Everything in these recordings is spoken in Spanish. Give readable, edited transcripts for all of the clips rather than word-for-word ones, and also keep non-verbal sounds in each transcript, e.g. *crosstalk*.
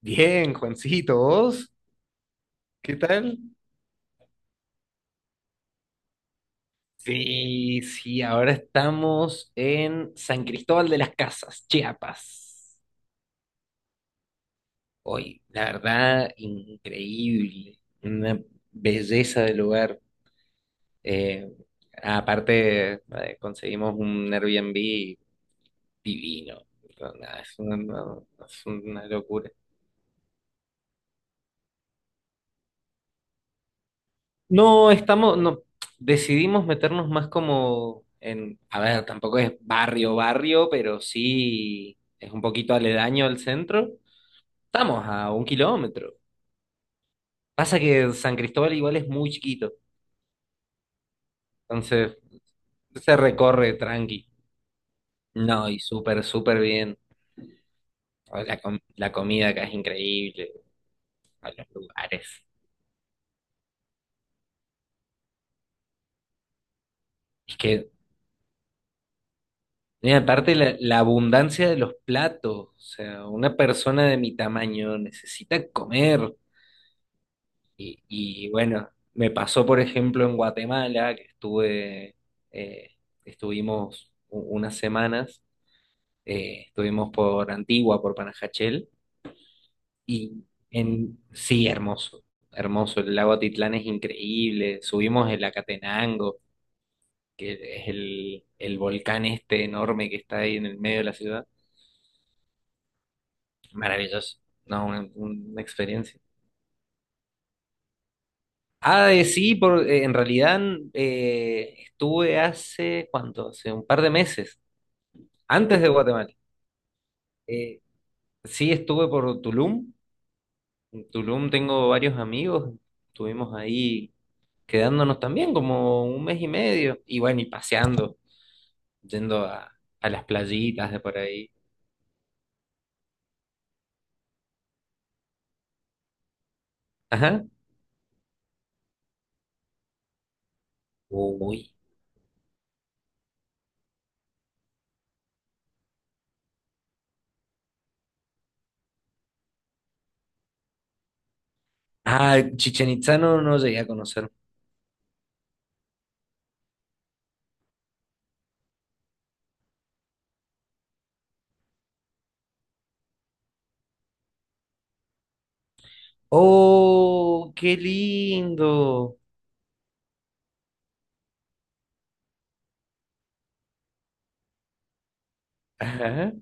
Bien, Juancito, ¿vos? ¿Qué tal? Sí, sí, ahora estamos en San Cristóbal de las Casas, Chiapas. Hoy, la verdad, increíble, una belleza de lugar. Eh, Aparte, conseguimos un Airbnb divino. No, nada, es una, no, no, es una locura. No, estamos, no, decidimos meternos más como en, a ver, tampoco es barrio, barrio, pero sí es un poquito aledaño al centro. Estamos a 1 km. Pasa que San Cristóbal igual es muy chiquito, entonces se recorre tranqui. No, y súper, súper bien. O la, la comida acá es increíble, a los lugares. Es que, mira, aparte la abundancia de los platos, o sea, una persona de mi tamaño necesita comer. Y bueno, me pasó, por ejemplo, en Guatemala, que estuve, eh, estuvimos unas semanas, estuvimos por Antigua, por Panajachel, y en, sí, hermoso, hermoso, el lago Atitlán es increíble, subimos el Acatenango, que es el volcán este enorme que está ahí en el medio de la ciudad, maravilloso, no, una experiencia. Ah, de sí, por, en realidad estuve hace, ¿cuánto? Hace un par de meses, antes de Guatemala. Eh, sí, estuve por Tulum. En Tulum tengo varios amigos. Estuvimos ahí quedándonos también como un mes y medio. Y bueno, y paseando, yendo a las playitas de por ahí. Ajá. Uy. Ah, Chichen Itzá no, no llegué a conocer. ¡Oh, qué lindo! Ajá.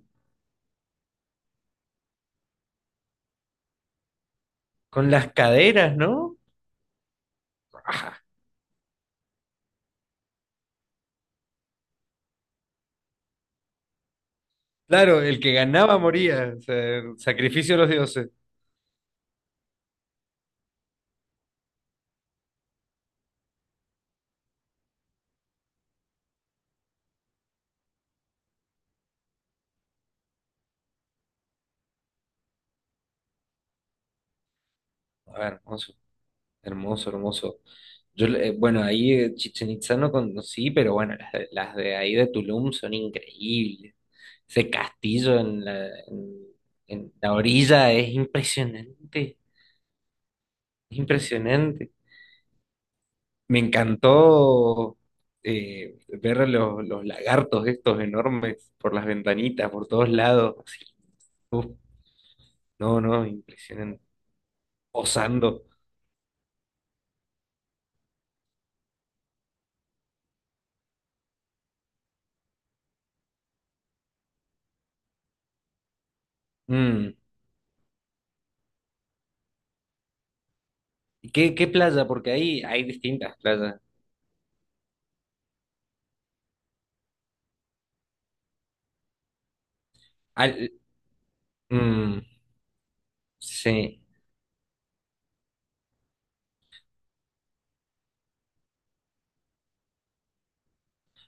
Con las caderas, ¿no? Claro, el que ganaba moría. O sea, el sacrificio de los dioses. A ver, hermoso, hermoso, hermoso. Yo, bueno, ahí Chichen Itzá no conocí, pero bueno, las de ahí de Tulum son increíbles. Ese castillo en la orilla es impresionante, es impresionante. Me encantó, ver los lagartos estos enormes por las ventanitas, por todos lados. Así. Uf, no, no, impresionante. Posando. Mm. ¿Qué playa? Porque ahí hay distintas playas. Al- mm, sí.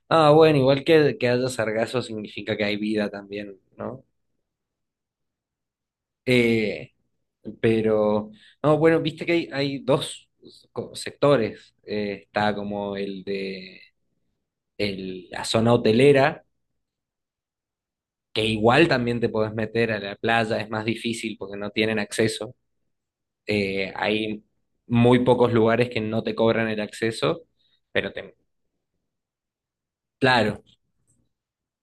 Ah, bueno, igual que haya sargazo significa que hay vida también, ¿no? Eh, pero, no, bueno, viste que hay dos sectores. Está como el de la zona hotelera, que igual también te podés meter a la playa, es más difícil porque no tienen acceso. Hay muy pocos lugares que no te cobran el acceso, pero te... Claro,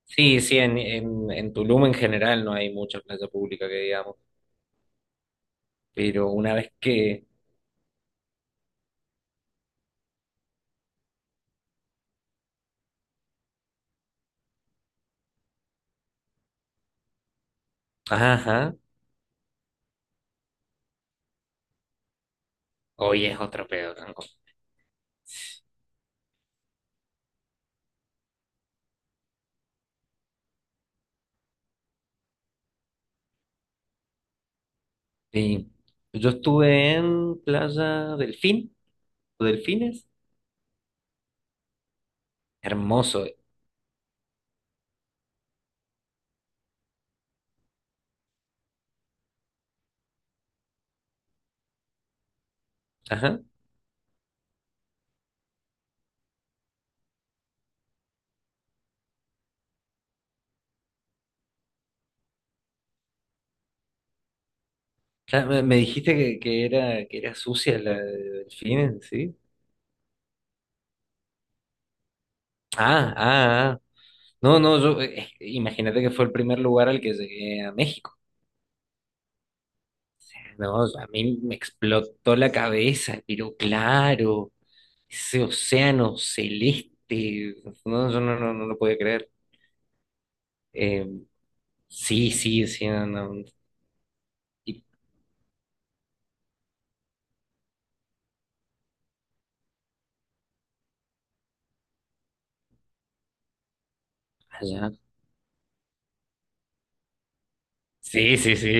sí, sí, en Tulum en general no hay mucha playa pública que digamos, pero una vez que... Ajá, hoy es otro pedo, Cancún. Sí, yo estuve en Playa Delfín, o Delfines, hermoso. Ajá. Ya me dijiste que era sucia la de Delfines, ¿sí? Ah, ah, ah. No, no, yo, imagínate que fue el primer lugar al que llegué a México. No, a mí me explotó la cabeza, pero claro. Ese océano celeste, no, yo no, no, no lo podía creer. Eh, sí, sí, sí, no, no, y allá. Sí, sí, sí.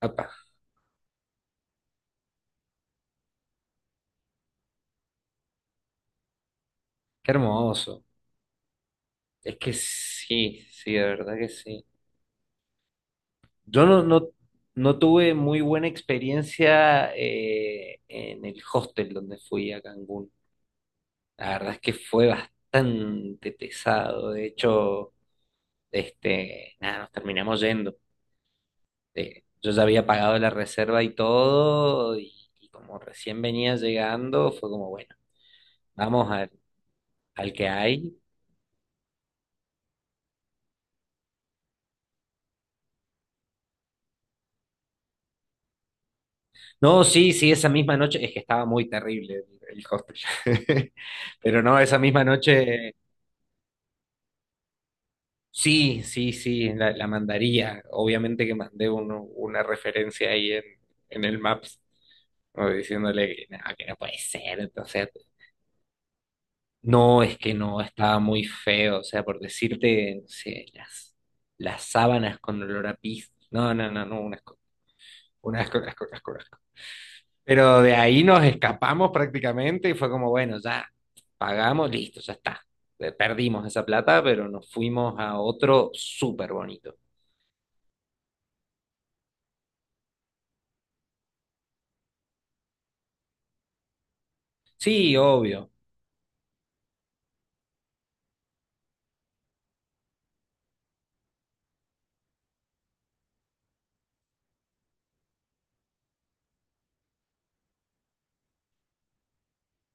Apa, qué hermoso. Es que sí, sí, de verdad que sí. Yo no, no, no tuve muy buena experiencia en el hostel donde fui a Cancún. La verdad es que fue bastante pesado. De hecho, este, nada, nos terminamos yendo. Yo ya había pagado la reserva y todo, y como recién venía llegando, fue como, bueno, vamos al que hay. No, sí, sí, esa misma noche, es que estaba muy terrible el hostel, *laughs* pero no, esa misma noche, sí, sí, sí, la mandaría. Obviamente que mandé una referencia ahí en, el Maps, como diciéndole que no puede ser, entonces... No, es que no, estaba muy feo, o sea, por decirte, no sé, las sábanas con olor a pis. No, no, no, no, un asco, un asco, un asco, un asco, un asco. Pero de ahí nos escapamos prácticamente y fue como, bueno, ya pagamos, listo, ya está. Perdimos esa plata, pero nos fuimos a otro súper bonito. Sí, obvio,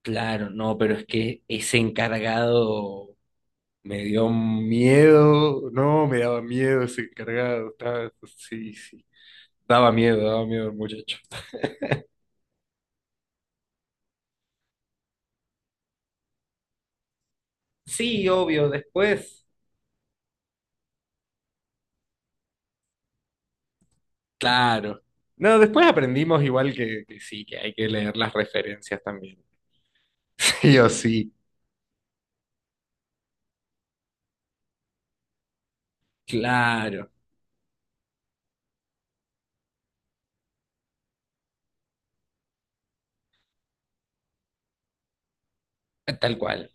claro, no, pero es que ese encargado me dio miedo, no, me daba miedo ese encargado, estaba, sí, sí. Daba miedo el muchacho. Sí, obvio, después. Claro. No, después aprendimos igual que sí, que hay que leer las referencias también. *laughs* Sí o sí. Claro, tal cual.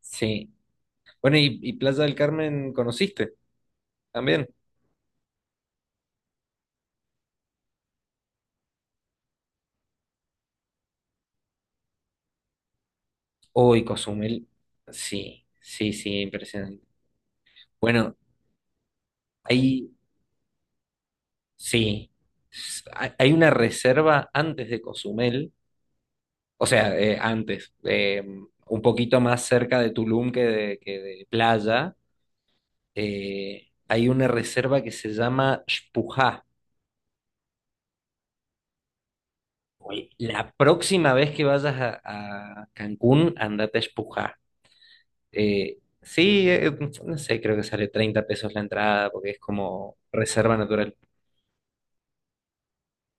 Sí. Bueno, ¿y Plaza del Carmen conociste también? Uy, Cozumel. Sí, sí, sí, impresionante. Bueno, ahí sí. Hay una reserva antes de Cozumel. O sea, antes, un poquito más cerca de Tulum que de playa, hay una reserva que se llama Xpujá. Oye, la próxima vez que vayas a Cancún, andate a Xpujá. Sí, no sé, creo que sale 30 pesos la entrada porque es como reserva natural.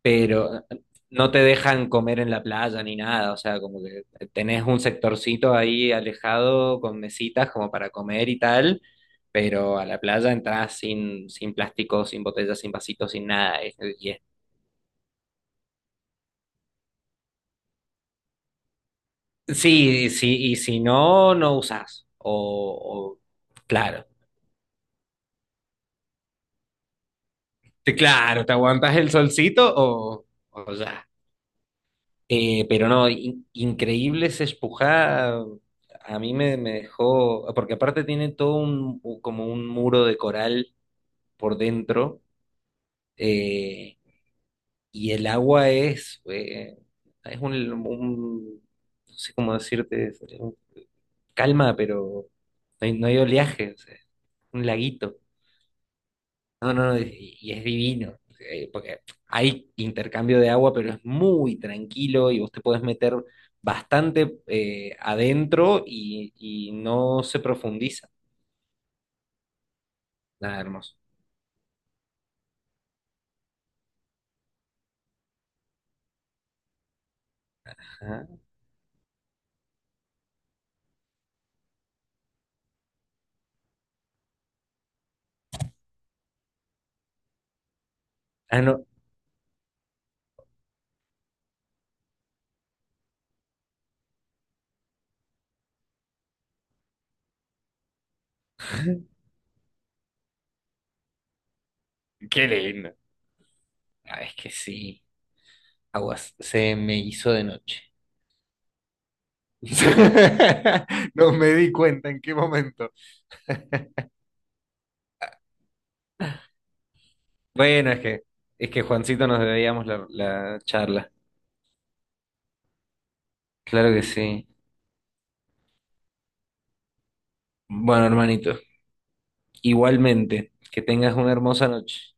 Pero no te dejan comer en la playa ni nada, o sea, como que tenés un sectorcito ahí alejado con mesitas como para comer y tal, pero a la playa entras sin, plástico, sin botellas, sin vasitos, sin nada. Es- y es- sí, sí, y si no, no usás. O- claro, claro, te aguantas el solcito o ya. Pero no, increíble esa espujá. A mí me dejó, porque aparte tiene todo un, como un muro de coral por dentro, eh, y el agua es un- no sé cómo decirte, es un- calma, pero no hay, no hay oleaje, o sea, un laguito. No, no, no, y es divino, porque hay intercambio de agua, pero es muy tranquilo y vos te podés meter bastante adentro y no se profundiza. Nada, hermoso. Ajá. Ah, no, *laughs* qué lindo. Ah, es que sí, aguas, se me hizo de noche. *laughs* No me di cuenta en qué momento. Bueno, es que Juancito nos debíamos la charla. Claro que sí. Bueno, hermanito, igualmente, que tengas una hermosa noche.